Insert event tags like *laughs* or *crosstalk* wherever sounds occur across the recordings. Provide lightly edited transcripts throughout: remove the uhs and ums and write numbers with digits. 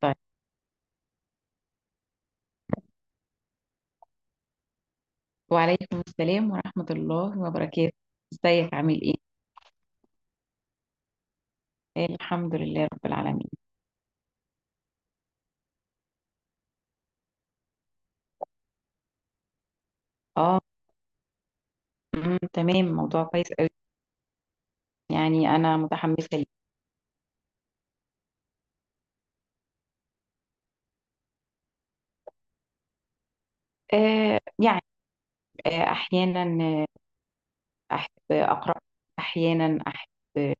طيب، وعليكم السلام ورحمة الله وبركاته. ازيك عامل ايه؟ آه، الحمد لله رب العالمين. اه. تمام، موضوع كويس قوي. يعني انا متحمسة ليه. يعني احيانا احب اقرأ. احيانا احب آه،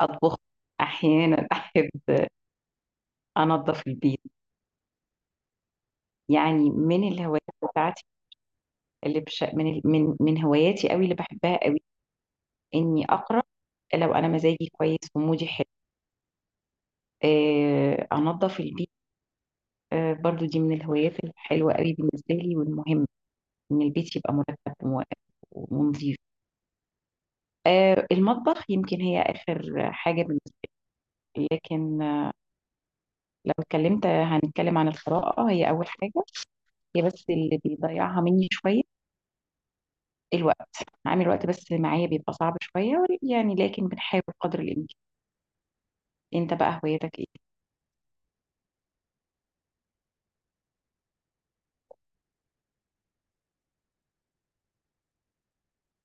اطبخ. احيانا *laughs* احب انظف البيت. يعني من الهوايات بتاعتي. اللي بش... من ال- من هواياتي قوي اللي بحبها قوي اني اقرأ. لو انا مزاجي كويس ومودي حلو انظف البيت. برضو دي من الهوايات الحلوة قوي بالنسبة لي والمهمة، إن البيت يبقى مرتب و- ونظيف. المطبخ يمكن هي آخر حاجة بالنسبة لي، لكن لو اتكلمت هنتكلم عن القراءة، هي أول حاجة. هي بس اللي بيضيعها مني شوية الوقت. عامل وقت بس معايا بيبقى صعب شوية، يعني لكن بنحاول قدر الإمكان. أنت بقى هوايتك إيه؟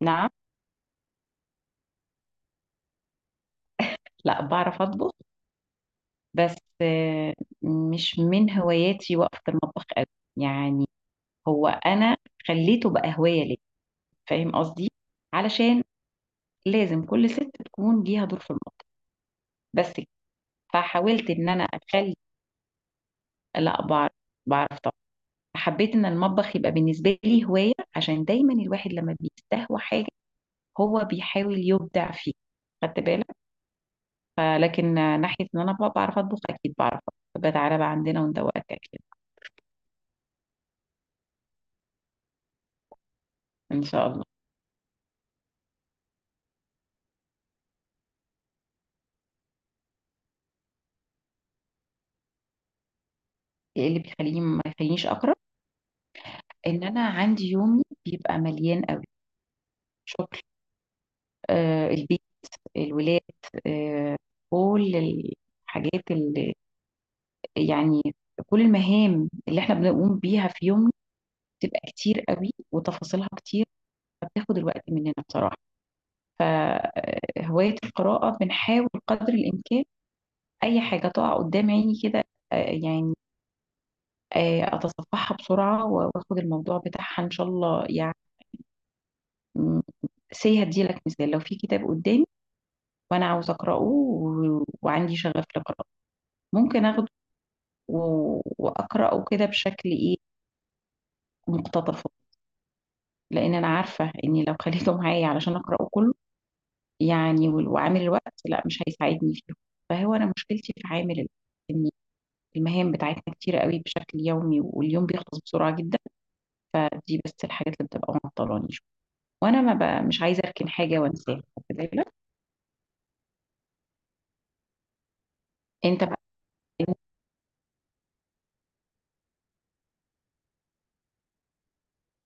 نعم. لا، بعرف أطبخ، بس مش من هواياتي وقفة المطبخ قوي يعني. هو انا خليته بقى هوايه ليا، فاهم قصدي؟ علشان لازم كل ست تكون ليها دور في المطبخ، بس كده. فحاولت ان انا اخلي. لا، بعرف طبعا. حبيت ان المطبخ يبقى بالنسبه لي هوايه، عشان دايما الواحد لما بيستهوى حاجه هو بيحاول يبدع فيها، خدت بالك؟ فلكن ناحيه ان انا بقى بعرف اطبخ اكيد بعرف أطبخ. بقى تعالى بقى عندنا وندوقك اكل. ان شاء الله. ايه اللي بيخليني ما يخلينيش اقرب؟ ان انا عندي يومي بيبقى مليان قوي. شغل، البيت، الولاد، آه، كل الحاجات اللي يعني كل المهام اللي احنا بنقوم بيها في يوم بتبقى كتير قوي وتفاصيلها كتير. فبتاخد الوقت مننا بصراحة. فهواية القراءة بنحاول قدر الإمكان أي حاجة تقع قدام عيني كده، يعني أتصفحها بسرعة وآخد الموضوع بتاعها إن شاء الله يعني. سي هديلك مثال، لو في كتاب قدامي وأنا عاوز أقرأه و- وعندي شغف لقراءته، ممكن أخده و- واقراه كده بشكل ايه، مقتطف. لان انا عارفه اني لو خليته معايا علشان اقراه كله يعني وال- وعامل الوقت لا، مش هيساعدني فيه. فهو انا مشكلتي في عامل الوقت، ان المهام بتاعتنا كتير قوي بشكل يومي، واليوم بيخلص بسرعه جدا. دي بس الحاجات اللي بتبقى معطلاني شويه، وانا ما بقى مش عايزه اركن حاجه وانساها، واخد بالك؟ انت بقى.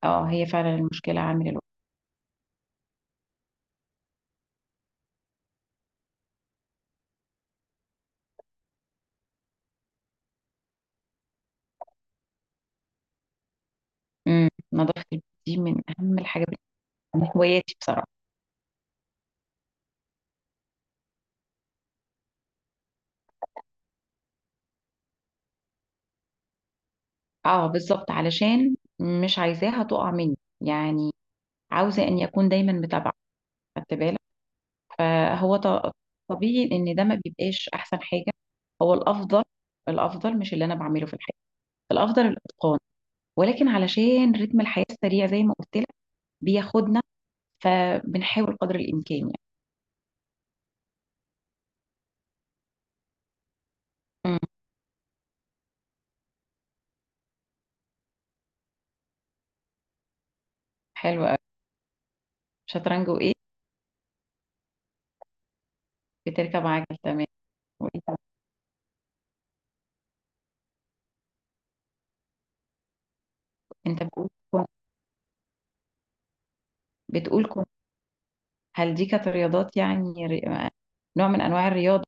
اه، هي فعلا المشكله عامل الوقت. نظافه البيت دي من اهم الحاجات، من هواياتي بصراحه. اه بالظبط، علشان مش عايزاها تقع مني يعني، عاوزة ان يكون دايما متابعة، خدت بالك؟ فهو ط- طبيعي ان ده ما بيبقاش احسن حاجة. هو الافضل. الافضل مش اللي انا بعمله في الحياة. الافضل الاتقان. ولكن علشان رتم الحياة السريع زي ما قلت لك بياخدنا، فبنحاول قدر الامكان يعني. مم. حلو قوي. شطرنج وايه؟ بتركب عجل، تمام. وانت؟ انت بتقول كن- بتقول كن- هل دي كانت رياضات يعني، نوع من انواع الرياضة؟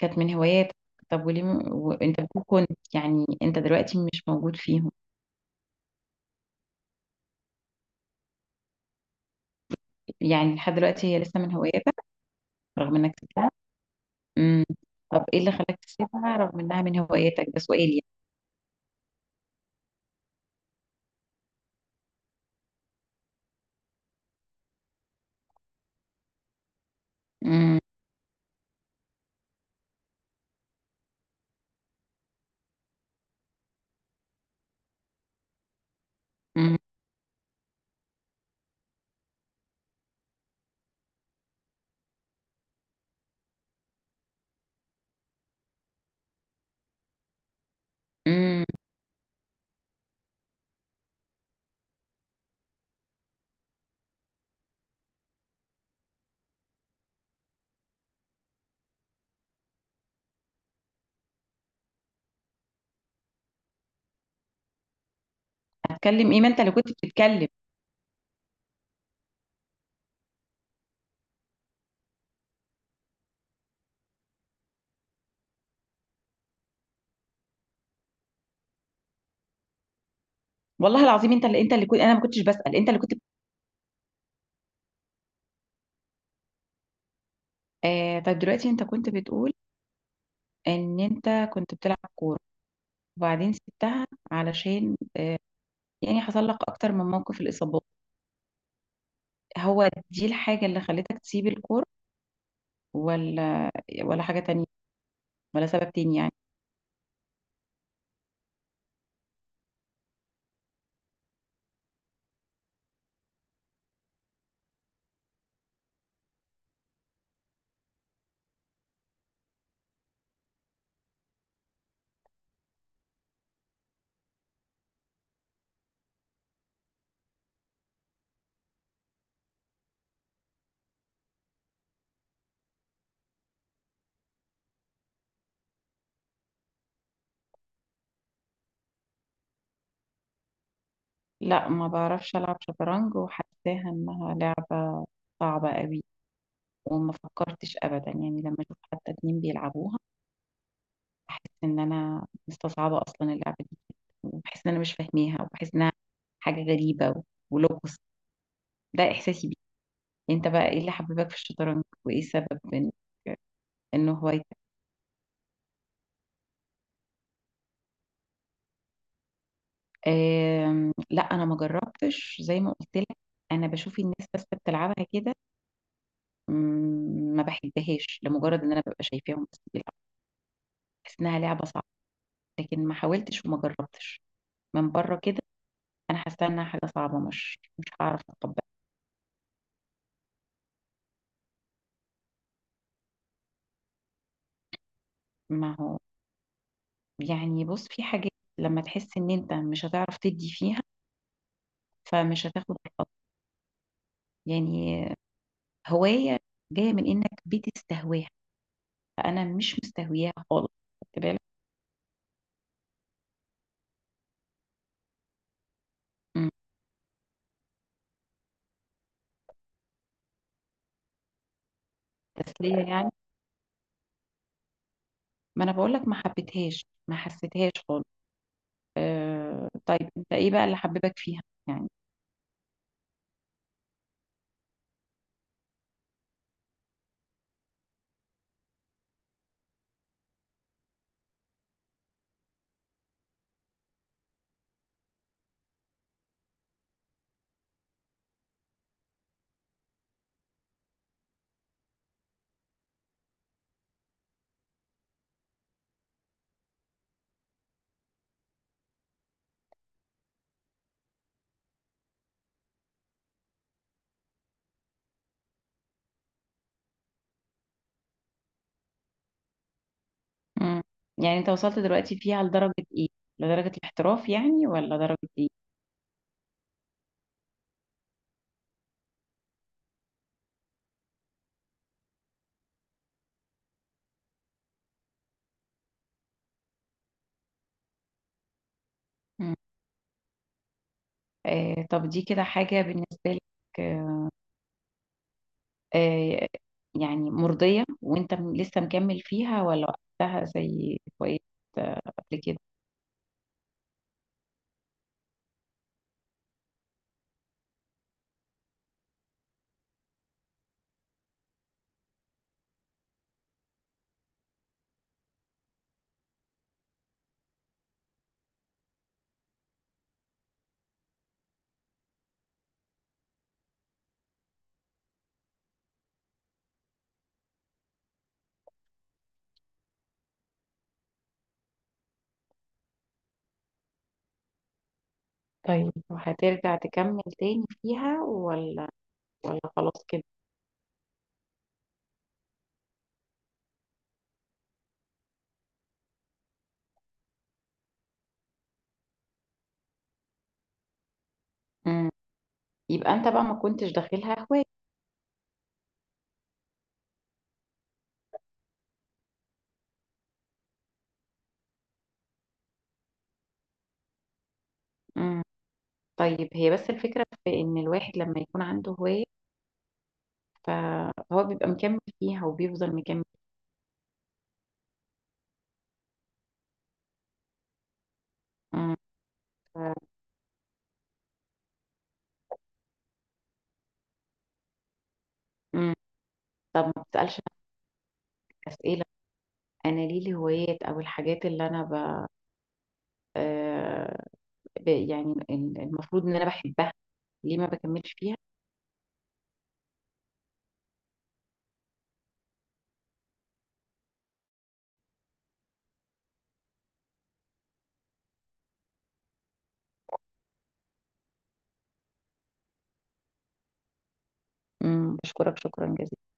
كانت من هواياتك. طب وليه وانت بتقول كنت، يعني انت دلوقتي مش موجود فيهم؟ يعني لحد دلوقتي هي لسه من هواياتك رغم انك سبتها؟ امم. طب ايه اللي خلاك تسيبها رغم انها من هواياتك؟ ده سؤال يعني. امم امم امم هتكلم ايه؟ ما انت اللي كنت بتتكلم. والله العظيم، انت اللي كنت، انا ما كنتش بسأل، انت اللي كنت بت- طب دلوقتي انت كنت بتقول ان انت كنت بتلعب كورة وبعدين سبتها، علشان يعني حصل لك اكتر من موقف، الاصابات، هو دي الحاجة اللي خلتك تسيب الكورة، ولا ولا حاجة تانية، ولا سبب تاني يعني؟ لا، ما بعرفش ألعب شطرنج، وحاساها إنها لعبة صعبة قوي. وما فكرتش أبدا يعني، لما أشوف حتى اتنين بيلعبوها بحس إن أنا مستصعبة أصلا اللعبة دي. وبحس إن أنا مش فاهماها، وبحس إنها حاجة غريبة و- ولغز، ده إحساسي بيه. أنت بقى، إيه اللي حببك في الشطرنج وإيه سبب إن هوايتك؟ لا، أنا ما جربتش زي ما قلت لك، أنا بشوف الناس بس بتلعبها كده. مم، ما بحبهاش لمجرد ان انا ببقى شايفاهم بس بيلعبوا، بحس انها لعبه صعبه. لكن ما حاولتش وما جربتش، من بره كده انا حاسه انها حاجه صعبه، مش هعرف اتقبلها. ما هو يعني، بص في حاجات لما تحس ان انت مش هتعرف تدي فيها، فمش هتاخد الخطوه يعني. هوايه جايه من انك بتستهواها، فانا مش مستهوياها خالص، خدت بالك؟ مم. تسليه يعني، ما انا بقول لك ما حبيتهاش، ما حسيتهاش خالص. أه طيب، انت ايه بقى اللي حببك فيها يعني؟ مم. يعني انت وصلت دلوقتي فيها لدرجة ايه؟ لدرجة الاحتراف يعني ولا درجة ايه؟ مم. طب دي كده حاجة بالنسبة لك، آه آه، يعني مرضية، وانت لسه مكمل فيها ولا وقتها زي وقت قبل كده؟ طيب وهترجع تكمل تاني فيها، ولا خلاص كده؟ مم. يبقى انت بقى ما كنتش داخلها هواية. مم. طيب، هي بس الفكرة في ان الواحد لما يكون عنده هواية فهو بيبقى مكمل فيها وبيفضل مكمل. مم. مم. طب ما بتسألش نفسك أسئلة؟ أنا ليه الهوايات أو الحاجات اللي أنا آه، يعني المفروض إن أنا بحبها، ليه ما بكملش فيها؟ مم. بشكرك، شكرا جزيلا.